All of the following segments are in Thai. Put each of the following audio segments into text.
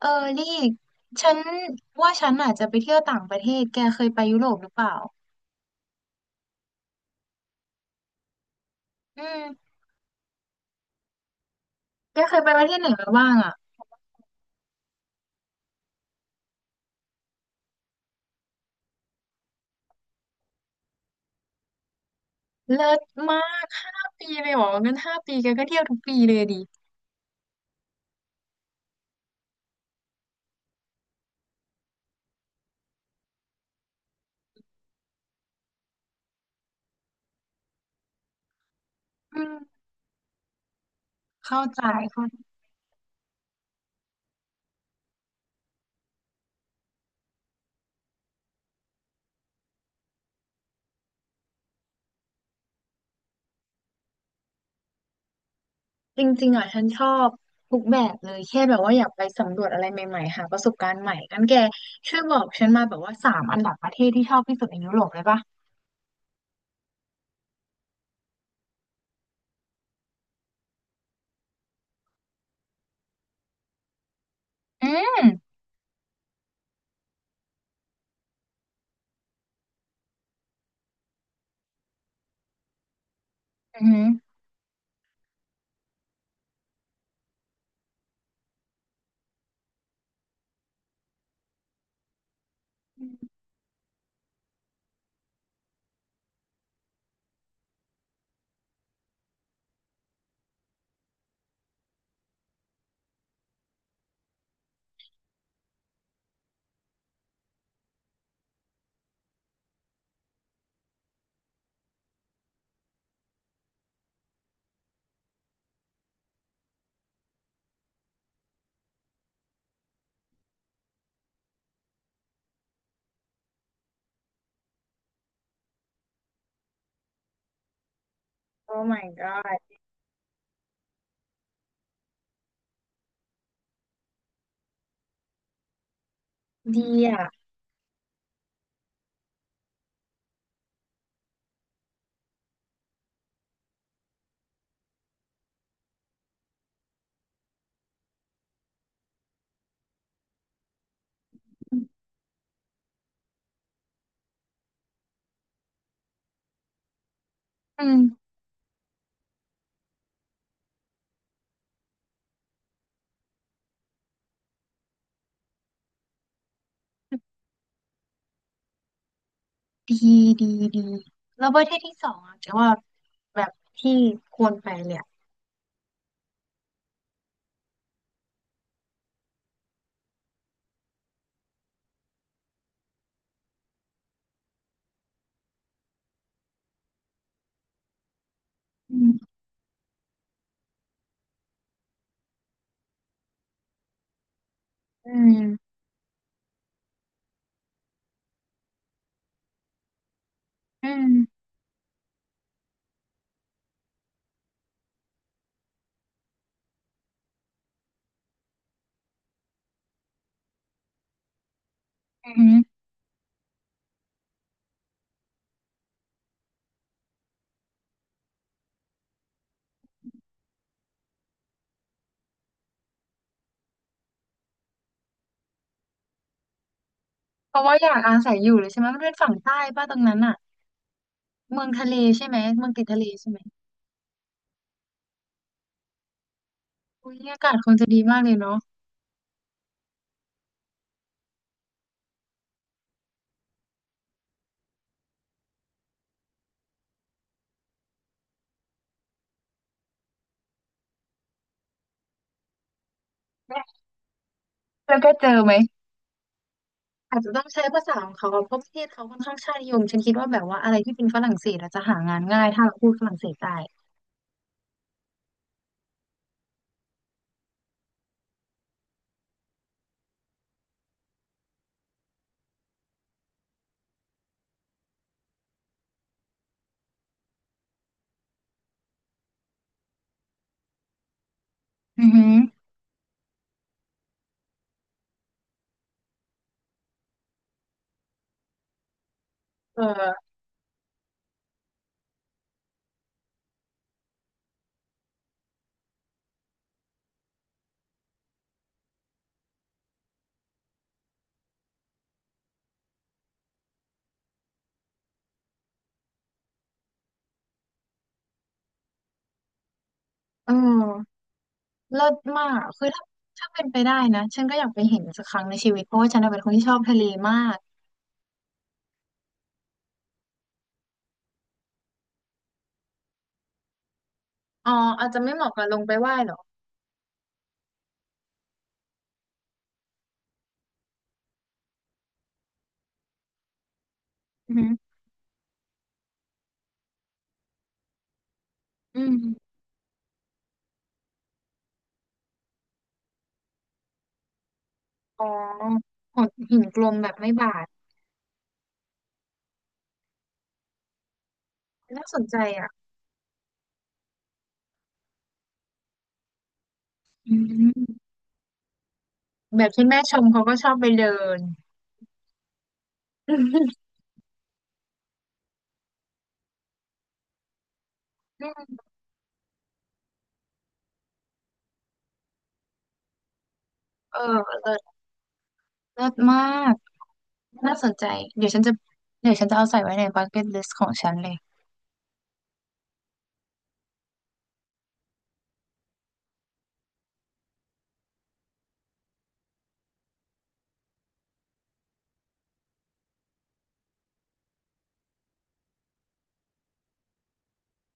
เออนี่ฉันว่าฉันอาจจะไปเที่ยวต่างประเทศแกเคยไปยุโรปหรือเปล่าอืมแกเคยไปประเทศไหนมาบ้างอ่ะเลิศมากห้าปีเลยเหรองั้นห้าปีแกก็เที่ยวทุกปีเลยดิอืมเข้าใจเข้าจริงๆอ่ะฉันชอบทุกแบบเลยแค่แบบว่าอยากไปสำรวจอะไรใหม่ๆหาประสบการณ์ใหม่งั้นแกช่วยบอกฉันมาแบบว่าสามอันดับประเทศที่ชอบที่สุดในยุโรปเลยปะอืมอืมโอ้ my god ดีอ่ะอืม ดีดีดีแล้วประเทศที่สองอ่ะแต่ว่าแบบที่ควรไปเลยอะอืมอืมอืมอืมเพราะว่าอยากอาศัยอยู่เลยใช่ไหมมันเป็นฝั่งใต้ป่ะตรงนั้นอ่ะเมืองทะเลใช่ไหมเมืองติดทะเลใช่ไหมอุ้ยอากาศคงจะดีมากเลยเนาะและแล้วก็เจอไหมอาจจะต้องใช้ภาษาของเขาอะเพราะประเทศเขาค่อนข้างชาตินิยมฉันคิดว่าแบบว่าอะไรที่เป็นฝรั่งเศสอาจจะหางานง่ายถ้าเราพูดฝรั่งเศสได้อือหือเออเออ เลิศมากคือถ้าถ้าเป็นไปได้นะฉันก็อยากไปเห็นสักครั้งในชีวิตเพราะว่าฉันน่ะเป็นคนที่ชอบทะเลมากอ๋ออาจจะไม่เหมาะกับลงไปว่ายเหรออือหืออืมอ๋อหดหินกลมแบบไม่บาดน่าสนใจอ่ะอืมแบบที่แม่ชมเขาก็ชอบไปเดินอืม เออเลิศเลิศมากน่าสนใจเดี๋ยวฉันจะเดี๋ยวฉันจะเอาใส่ไว้ในบักเก็ตลิสต์ของฉันเลย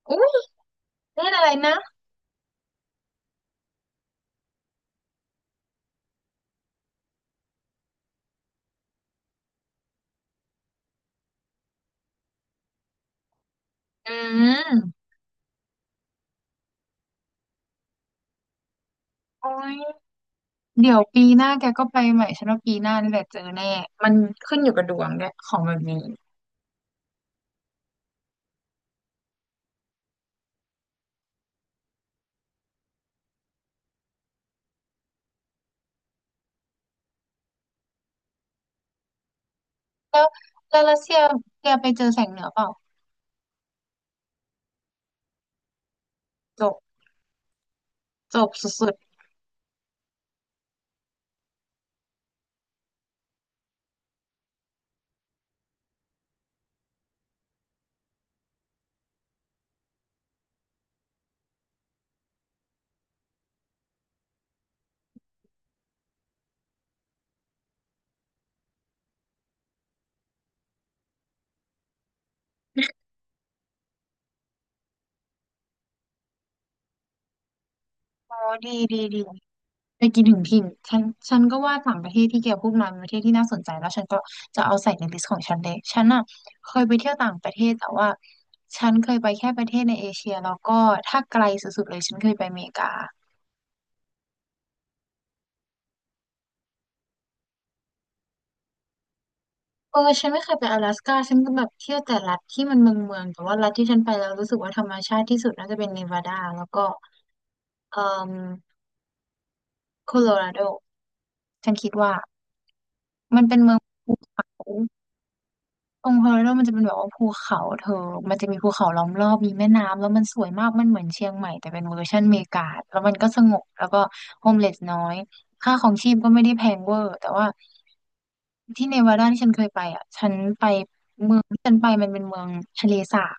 อุ้ยเล่นอะไรนะอืมโอ้ย เดี๋ยวปีหน้าแกก็ไปใหม่ฉันว่าปีหน้านี่แหละเจอแน่มันขึ้นอยู่กับดวงด้วยของแบบนี้แล้วแล้วรัสเซียแกไปเจอแสงเหนือเปล่าจบจบสุดๆโอ้ดีดีดีไปกินถึงถิ่นฉันฉันก็ว่าต่างประเทศที่แกพูดมาเป็นประเทศที่น่าสนใจแล้วฉันก็จะเอาใส่ในลิสต์ของฉันเลยฉันอ่ะเคยไปเที่ยวต่างประเทศแต่ว่าฉันเคยไปแค่ประเทศในเอเชียแล้วก็ถ้าไกลสุดๆเลยฉันเคยไปอเมริกา เออฉันไม่เคยไปอลาสก้าฉันก็แบบเที่ยวแต่รัฐที่มันเมืองเมืองแต่ว่ารัฐที่ฉันไปแล้วรู้สึกว่าธรรมชาติที่สุดน่าจะเป็นเนวาดาแล้วก็เอ่อโคโลราโดฉันคิดว่ามันเป็นเมืองภูเขาตรงโคโลราโดมันจะเป็นแบบว่าภูเขาเธอมันจะมีภูเขาล้อมรอบมีแม่น้ำแล้วมันสวยมากมันเหมือนเชียงใหม่แต่เป็นเวอร์ชันอเมริกาแล้วมันก็สงบแล้วก็โฮมเลสน้อยค่าของชีพก็ไม่ได้แพงเวอร์แต่ว่าที่เนวาดาที่ฉันเคยไปอ่ะฉันไปเมืองที่ฉันไปมันเป็นเมืองทะเลสาบ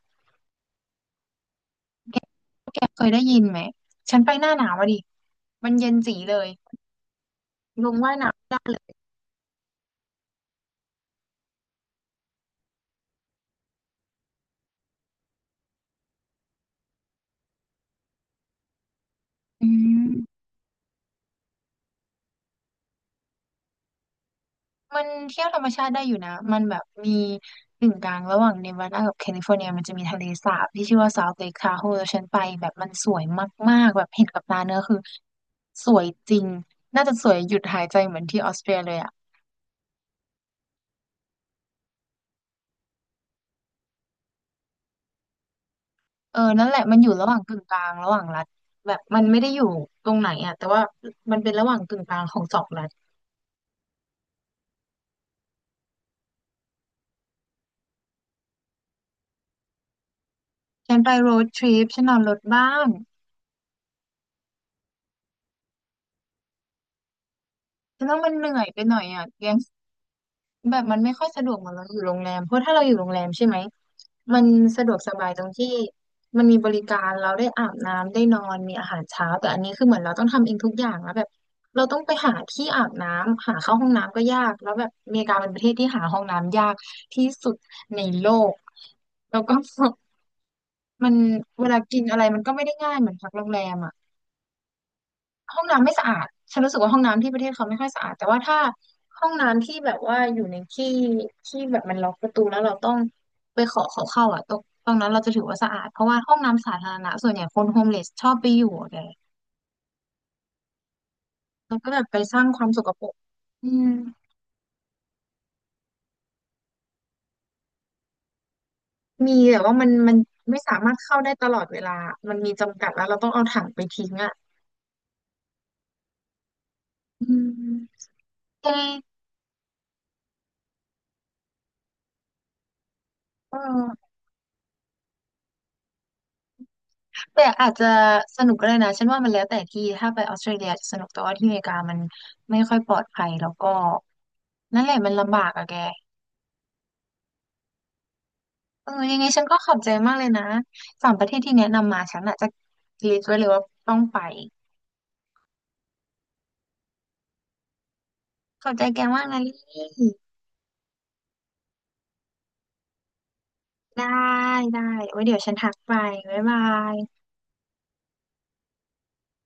แกแกเคยได้ยินไหม ฉันไปหน้าหนาวอะดิ มันเย็นจีเลยลงว่ายน้ำไม่ได้เลยอืมมันเที่ยวธรรมชาติได้อยู่นะ มันแบบมีกึ่งกลางระหว่างเนวาดากับแคลิฟอร์เนียมันจะมีทะเลสาบที่ชื่อว่า South Lake Tahoe แล้วฉันไปแบบมันสวยมากๆแบบเห็นกับตาเนื้อคือสวยจริง น่าจะสวยหยุดหายใจเหมือนที่ออสเตรียเลยอ่ะเออ นั่นแหละมันอยู่ระหว่างกึ่งกลางระหว่างรัฐแบบมันไม่ได้อยู่ตรงไหนอ่ะแต่ว่ามันเป็นระหว่างกึ่งกลางของสองรัฐ ฉันไปโรดทริปฉันนอนรถบ้านฉันว่ามันเหนื่อยไปหน่อยอ่ะยังแบบมันไม่ค่อยสะดวกเหมือนเราอยู่โรงแรมเพราะถ้าเราอยู่โรงแรมใช่ไหมมันสะดวกสบายตรงที่มันมีบริการเราได้อาบน้ำได้นอนมีอาหารเช้าแต่อันนี้คือเหมือนเราต้องทำเองทุกอย่างแล้วแบบเราต้องไปหาที่อาบน้ำหาเข้าห้องน้ำก็ยาก แล้วแบบอเมริกาเป็นประเทศที่หาห้องน้ำยากที่สุดในโลกแล้วก็ มันเวลากินอะไรมันก็ไม่ได้ง่ายเหมือนพักโรงแรมอ่ะ ห้องน้ำไม่สะอาดฉันรู้สึกว่าห้องน้ำที่ประเทศเขาไม่ค่อยสะอาดแต่ว่าถ้าห้องน้ำที่แบบว่าอยู่ในที่ที่แบบมันล็อกประตูแล้วเราต้องไปขอเขาเข้าอ่ะตรงนั้นเราจะถือว่าสะอาด เพราะว่าห้องน้ำสาธารณะส่วนใหญ่คนโฮมเลสชอบไปอยู่แกแล้วก็แบบไปสร้างความสกปรกอืมมีแต่ว่ามันไม่สามารถเข้าได้ตลอดเวลามันมีจำกัดแล้วเราต้องเอาถังไปทิ้งอ่ะอืมแกเออ แต่อาจจะสนุกก็ได้นะฉันว่ามันแล้วแต่ที่ถ้าไปออสเตรเลียจะสนุกแต่ว่าที่อเมริกามันไม่ค่อยปลอดภัยแล้วก็นั่นแหละมันลำบากอะแกเออยังไงฉันก็ขอบใจมากเลยนะสามประเทศที่แนะนำมาฉันอาจจะลิสต์ไว้เลยว่าต้องไปขอบใจแกมากนะลี่ได้ได้ไว้เดี๋ยวฉันทักไปบ๊ายบาย